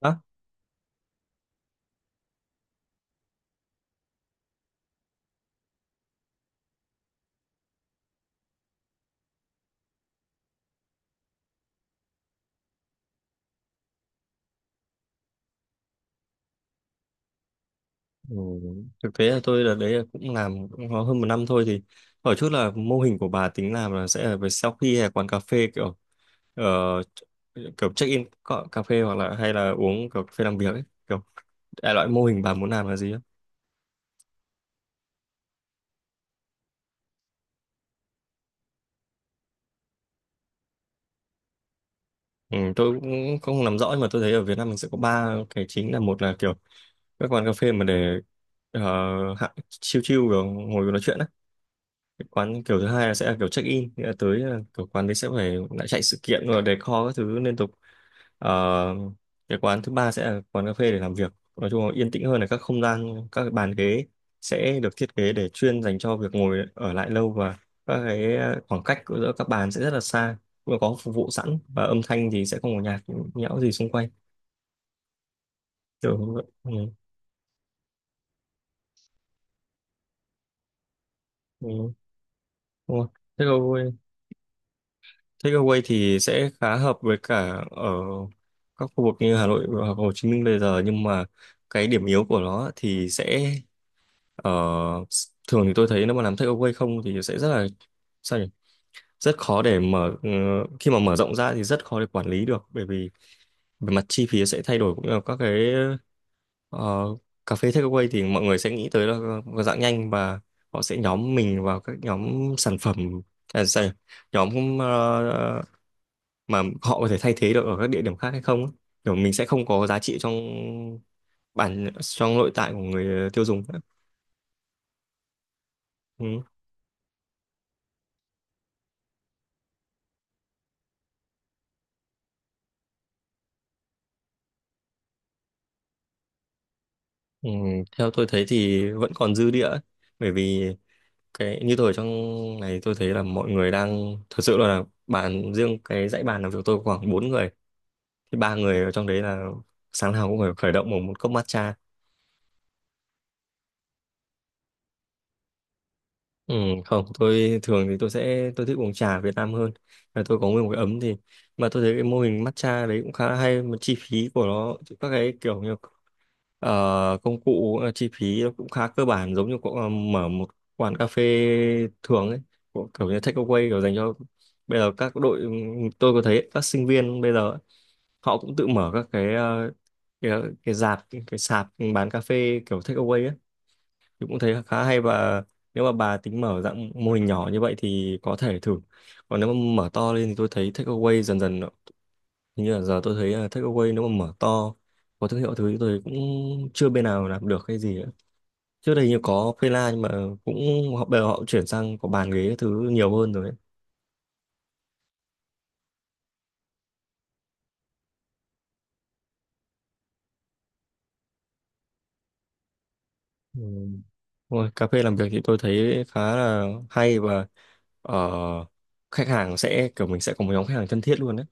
Đó. Ừ. Thực tế là tôi là đấy là cũng làm cũng có hơn một năm thôi, thì hỏi chút là mô hình của bà tính làm là sẽ là về sau khi hay là quán cà phê kiểu, ờ, kiểu cà phê, hoặc là hay là uống kiểu cà phê làm việc ấy, kiểu đại loại mô hình bà muốn làm là gì á? Ừ, tôi cũng không nắm rõ, nhưng mà tôi thấy ở Việt Nam mình sẽ có ba cái chính, là một là kiểu các quán cà phê mà để hạ chill chill kiểu ngồi nói chuyện á. Cái quán kiểu thứ hai là sẽ là kiểu check in, nghĩa là tới là kiểu quán đấy sẽ phải lại chạy sự kiện rồi decor các thứ liên tục. Ờ, cái quán thứ ba sẽ là quán cà phê để làm việc, nói chung là yên tĩnh hơn, là các không gian, các cái bàn ghế sẽ được thiết kế để chuyên dành cho việc ngồi ở lại lâu, và các cái, khoảng cách giữa các bàn sẽ rất là xa, cũng có phục vụ sẵn, và âm thanh thì sẽ không có nhạc nhẽo gì xung quanh. Kiểu, ừ, ừ, đúng rồi. Thế rồi takeaway thì sẽ khá hợp với cả ở các khu vực như Hà Nội hoặc Hồ Chí Minh bây giờ, nhưng mà cái điểm yếu của nó thì sẽ ở, thường thì tôi thấy nếu mà làm takeaway không thì sẽ rất là, sao nhỉ? Rất khó để mở, khi mà mở rộng ra thì rất khó để quản lý được, bởi vì về mặt chi phí sẽ thay đổi, cũng như là các cái, ờ, cà phê takeaway thì mọi người sẽ nghĩ tới là một dạng nhanh, và họ sẽ nhóm mình vào các nhóm sản phẩm, à, sao nhỉ? Nhóm, mà họ có thể thay thế được ở các địa điểm khác hay không ấy. Kiểu mình sẽ không có giá trị trong bản, trong nội tại của người tiêu dùng nữa. Ừ. Ừ, theo tôi thấy thì vẫn còn dư địa ấy. Bởi vì cái như tôi ở trong này, tôi thấy là mọi người đang thật sự là bàn riêng, cái dãy bàn làm việc tôi khoảng bốn người, thì ba người ở trong đấy là sáng nào cũng phải khởi động bằng một cốc matcha. Ừ, không, tôi thường thì tôi thích uống trà Việt Nam hơn, là tôi có nguyên một cái ấm thì, mà tôi thấy cái mô hình matcha đấy cũng khá hay, mà chi phí của nó các cái kiểu như, công cụ, chi phí nó cũng khá cơ bản giống như cậu, mở một quán cà phê thường ấy, kiểu như take away kiểu dành cho bây giờ các đội, tôi có thấy các sinh viên bây giờ ấy, họ cũng tự mở các cái, cái, cái rạp cái sạp bán cà phê kiểu take away ấy, thì cũng thấy khá hay. Và nếu mà bà tính mở dạng mô hình nhỏ như vậy thì có thể thử. Còn nếu mà mở to lên thì tôi thấy takeaway dần dần hình như là giờ tôi thấy là takeaway nếu mà mở to có thương hiệu thứ thì tôi cũng chưa bên nào làm được cái gì ấy. Trước đây như có Fela, nhưng mà cũng, họ bây giờ họ chuyển sang có bàn ghế các thứ nhiều hơn rồi ấy. Ừ. Ôi, cà phê làm việc thì tôi thấy khá là hay, và ờ, khách hàng sẽ kiểu mình sẽ có một nhóm khách hàng thân thiết luôn đấy.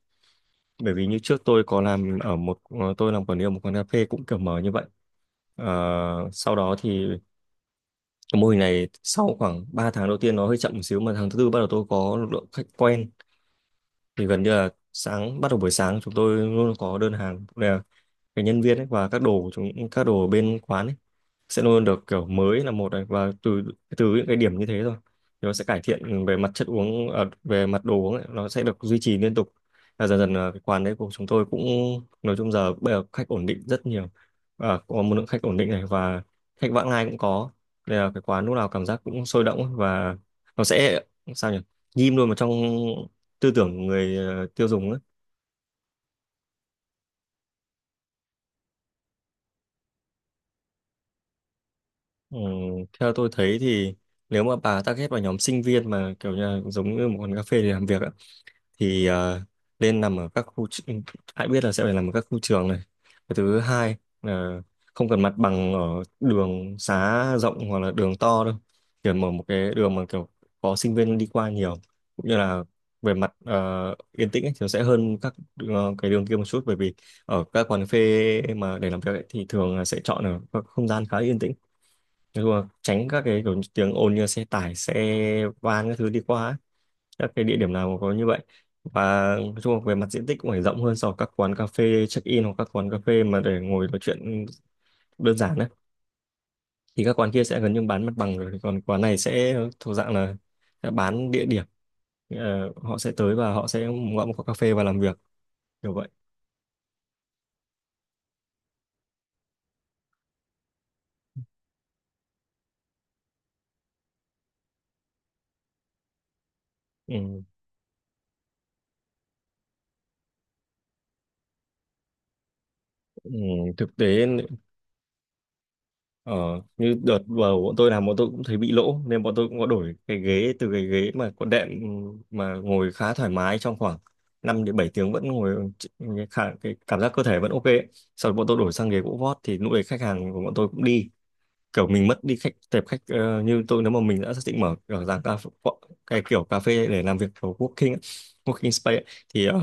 Bởi vì như trước tôi có làm ở một, tôi làm quản lý ở một quán cà phê cũng kiểu mở như vậy. Ờ, Sau đó thì cái mô hình này sau khoảng 3 tháng đầu tiên nó hơi chậm một xíu, mà tháng thứ tư bắt đầu tôi có lượng khách quen, thì gần như là sáng bắt đầu buổi sáng chúng tôi luôn có đơn hàng. Cái nhân viên ấy và các đồ của chúng, các đồ ở bên quán ấy sẽ luôn được kiểu mới là một, này, và từ từ những cái điểm như thế rồi thì nó sẽ cải thiện về mặt chất uống, à, về mặt đồ uống ấy, nó sẽ được duy trì liên tục. Và dần dần là cái quán đấy của chúng tôi cũng, nói chung giờ bây giờ khách ổn định rất nhiều, và có một lượng khách ổn định này, và khách vãng lai cũng có, nên là cái quán lúc nào cảm giác cũng sôi động, và nó sẽ, sao nhỉ, ghim luôn vào trong tư tưởng người, tiêu dùng ấy. Ừ, theo tôi thấy thì nếu mà bà target vào nhóm sinh viên mà kiểu như là giống như một quán cà phê để làm việc á, thì nên nằm ở các khu tr- hãy biết là sẽ phải nằm ở các khu trường này. Cái thứ hai là không cần mặt bằng ở đường xá rộng hoặc là đường to đâu, kiểu mở một cái đường mà kiểu có sinh viên đi qua nhiều, cũng như là về mặt, yên tĩnh ấy, thì nó sẽ hơn các, cái đường kia một chút, bởi vì ở các quán cà phê mà để làm việc ấy, thì thường là sẽ chọn ở các không gian khá yên tĩnh, nói chung là tránh các cái kiểu tiếng ồn như là xe tải xe van các thứ đi qua ấy. Các cái địa điểm nào có như vậy, và nói chung là về mặt diện tích cũng phải rộng hơn so với các quán cà phê check in hoặc các quán cà phê mà để ngồi nói chuyện đơn giản đấy, thì các quán kia sẽ gần như bán mặt bằng rồi, còn quán này sẽ thuộc dạng là sẽ bán địa điểm. Ờ, họ sẽ tới và họ sẽ gọi một quán cà phê và làm việc kiểu vậy. Ừ. Ừ, thực tế. Ờ, như đợt vào bọn tôi làm bọn tôi cũng thấy bị lỗ, nên bọn tôi cũng có đổi cái ghế, từ cái ghế mà có đệm mà ngồi khá thoải mái trong khoảng 5 đến 7 tiếng vẫn ngồi cái cảm giác cơ thể vẫn ok ấy. Sau đó bọn tôi đổi sang ghế gỗ vót, thì lúc đấy khách hàng của bọn tôi cũng đi, kiểu mình mất đi khách, tệp khách, như tôi nếu mà mình đã xác định mở kiểu dạng cái kiểu cà phê để làm việc kiểu working ấy, working space ấy, thì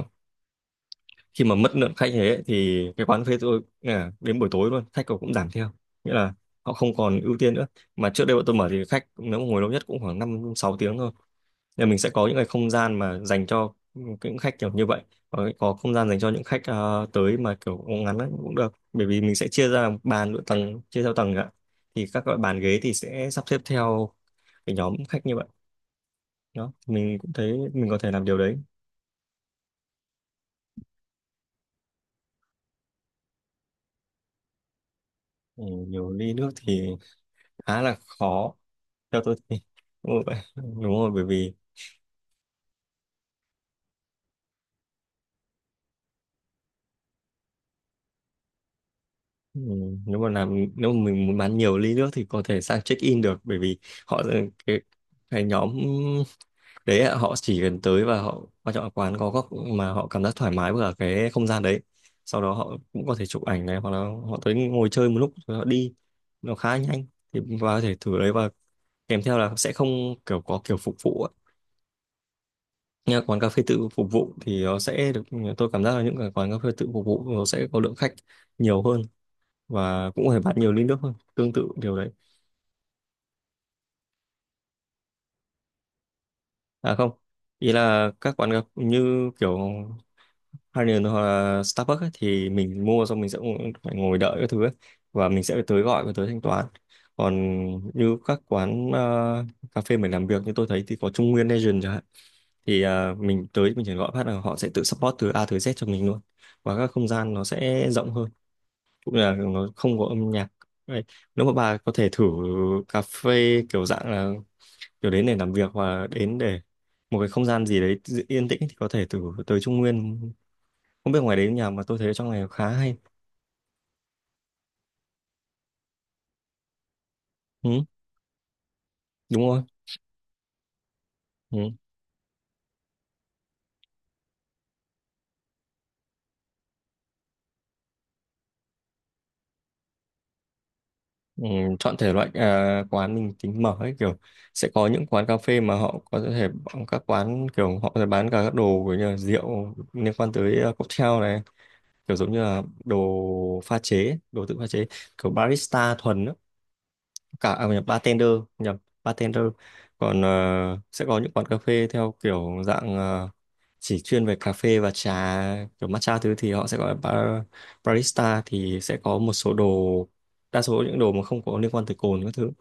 khi mà mất lượng khách như thế ấy, thì cái quán phê tôi là đến buổi tối luôn khách cũng giảm theo, nghĩa là họ không còn ưu tiên nữa. Mà trước đây bọn tôi mở thì khách nếu mà ngồi lâu nhất cũng khoảng 5 6 tiếng thôi, nên là mình sẽ có những cái không gian mà dành cho những khách kiểu như vậy, và có không gian dành cho những khách, tới mà kiểu ngắn ấy, cũng được, bởi vì mình sẽ chia ra làm bàn độ tầng, chia theo tầng ạ, thì các loại bàn ghế thì sẽ sắp xếp theo cái nhóm khách như vậy đó, mình cũng thấy mình có thể làm điều đấy. Ừ, nhiều ly nước thì khá là khó theo tôi thì, đúng rồi, đúng rồi, bởi vì, ừ, nếu mà làm, nếu mà mình muốn bán nhiều ly nước thì có thể sang check in được, bởi vì họ, ừ, cái cái nhóm đấy ạ, họ chỉ cần tới và họ quan trọng là quán có góc mà họ cảm giác thoải mái với cả cái không gian đấy, sau đó họ cũng có thể chụp ảnh này, hoặc là họ tới ngồi chơi một lúc rồi họ đi, nó khá nhanh, thì và có thể thử đấy, và kèm theo là sẽ không kiểu có kiểu phục vụ. Nhà quán cà phê tự phục vụ thì nó sẽ được, tôi cảm giác là những cái quán cà phê tự phục vụ nó sẽ có lượng khách nhiều hơn và cũng phải bán nhiều ly nước hơn, tương tự điều đấy. À không, ý là các quán cà như kiểu Harnier hoặc là Starbucks ấy, thì mình mua xong mình sẽ phải ngồi đợi cái thứ ấy, và mình sẽ phải tới gọi và tới thanh toán. Còn như các quán, cà phê mình làm việc như tôi thấy thì có Trung Nguyên Legend chẳng hạn, thì à, mình tới mình chỉ gọi phát là họ sẽ tự support từ A tới Z cho mình luôn, và các không gian nó sẽ rộng hơn, cũng là nó không có âm nhạc. Đấy. Nếu mà bà có thể thử cà phê kiểu dạng là kiểu đến để làm việc hoặc là đến để một cái không gian gì đấy yên tĩnh, thì có thể thử tới Trung Nguyên, không biết ngoài đấy nhà, mà tôi thấy ở trong này khá hay. Ừ, đúng rồi. Ừ. Ừ, chọn thể loại, à, quán mình tính mở ấy kiểu sẽ có những quán cà phê mà họ có thể bán, các quán kiểu họ sẽ bán cả các đồ kiểu như là rượu liên quan tới, à, cocktail này, kiểu giống như là đồ pha chế đồ tự pha chế kiểu barista thuần á, cả à, nhập bartender, nhập bartender còn sẽ có những quán cà phê theo kiểu dạng, chỉ chuyên về cà phê và trà kiểu matcha thứ, thì họ sẽ gọi là bar, barista, thì sẽ có một số đồ, đa số những đồ mà không có liên quan tới cồn các thứ.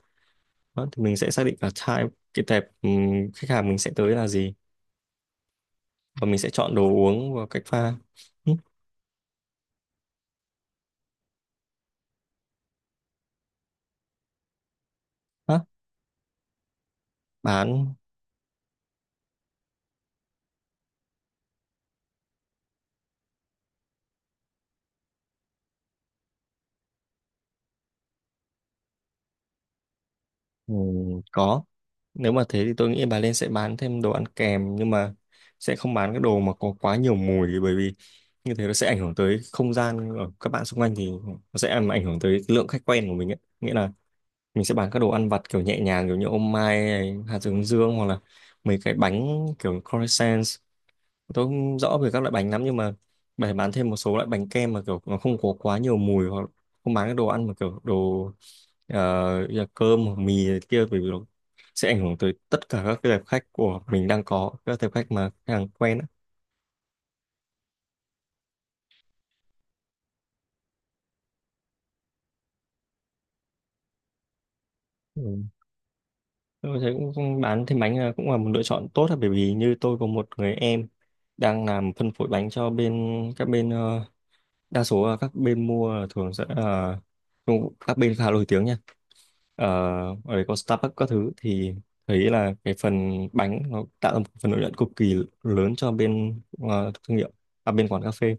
Đó, thì mình sẽ xác định là type cái tệp, khách hàng mình sẽ tới là gì, và mình sẽ chọn đồ uống và cách pha. Ừ, đó, bán. Ừ, có, nếu mà thế thì tôi nghĩ bà Lên sẽ bán thêm đồ ăn kèm, nhưng mà sẽ không bán cái đồ mà có quá nhiều mùi, bởi vì như thế nó sẽ ảnh hưởng tới không gian ở các bạn xung quanh, thì nó sẽ làm ảnh hưởng tới lượng khách quen của mình ấy. Nghĩa là mình sẽ bán các đồ ăn vặt kiểu nhẹ nhàng kiểu như ô mai này, hạt hướng dương, hoặc là mấy cái bánh kiểu croissants, tôi không rõ về các loại bánh lắm, nhưng mà bày bán thêm một số loại bánh kem mà kiểu nó không có quá nhiều mùi, hoặc không bán cái đồ ăn mà kiểu đồ, như là cơm hoặc mì này kia, bởi vì nó sẽ ảnh hưởng tới tất cả các cái tệp khách của mình đang có, các tệp khách mà khách hàng quen á. Ừ. Tôi thấy cũng cũng bán thêm bánh là cũng là một lựa chọn tốt á, bởi vì như tôi có một người em đang làm phân phối bánh cho bên các bên, đa số là các bên mua là thường sẽ là, các bên khá nổi tiếng nha. Ờ, ở đấy có Starbucks các thứ, thì thấy là cái phần bánh nó tạo ra một phần lợi nhuận cực kỳ lớn cho bên, thương hiệu, à bên quán cà phê.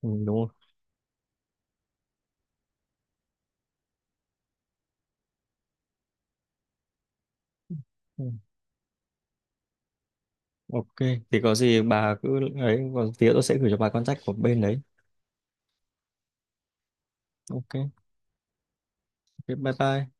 Ừ, đúng không. Ừ. Ok thì có gì bà cứ ấy, còn tí nữa tôi sẽ gửi cho bà contact của bên đấy. Ok. Ok bye bye.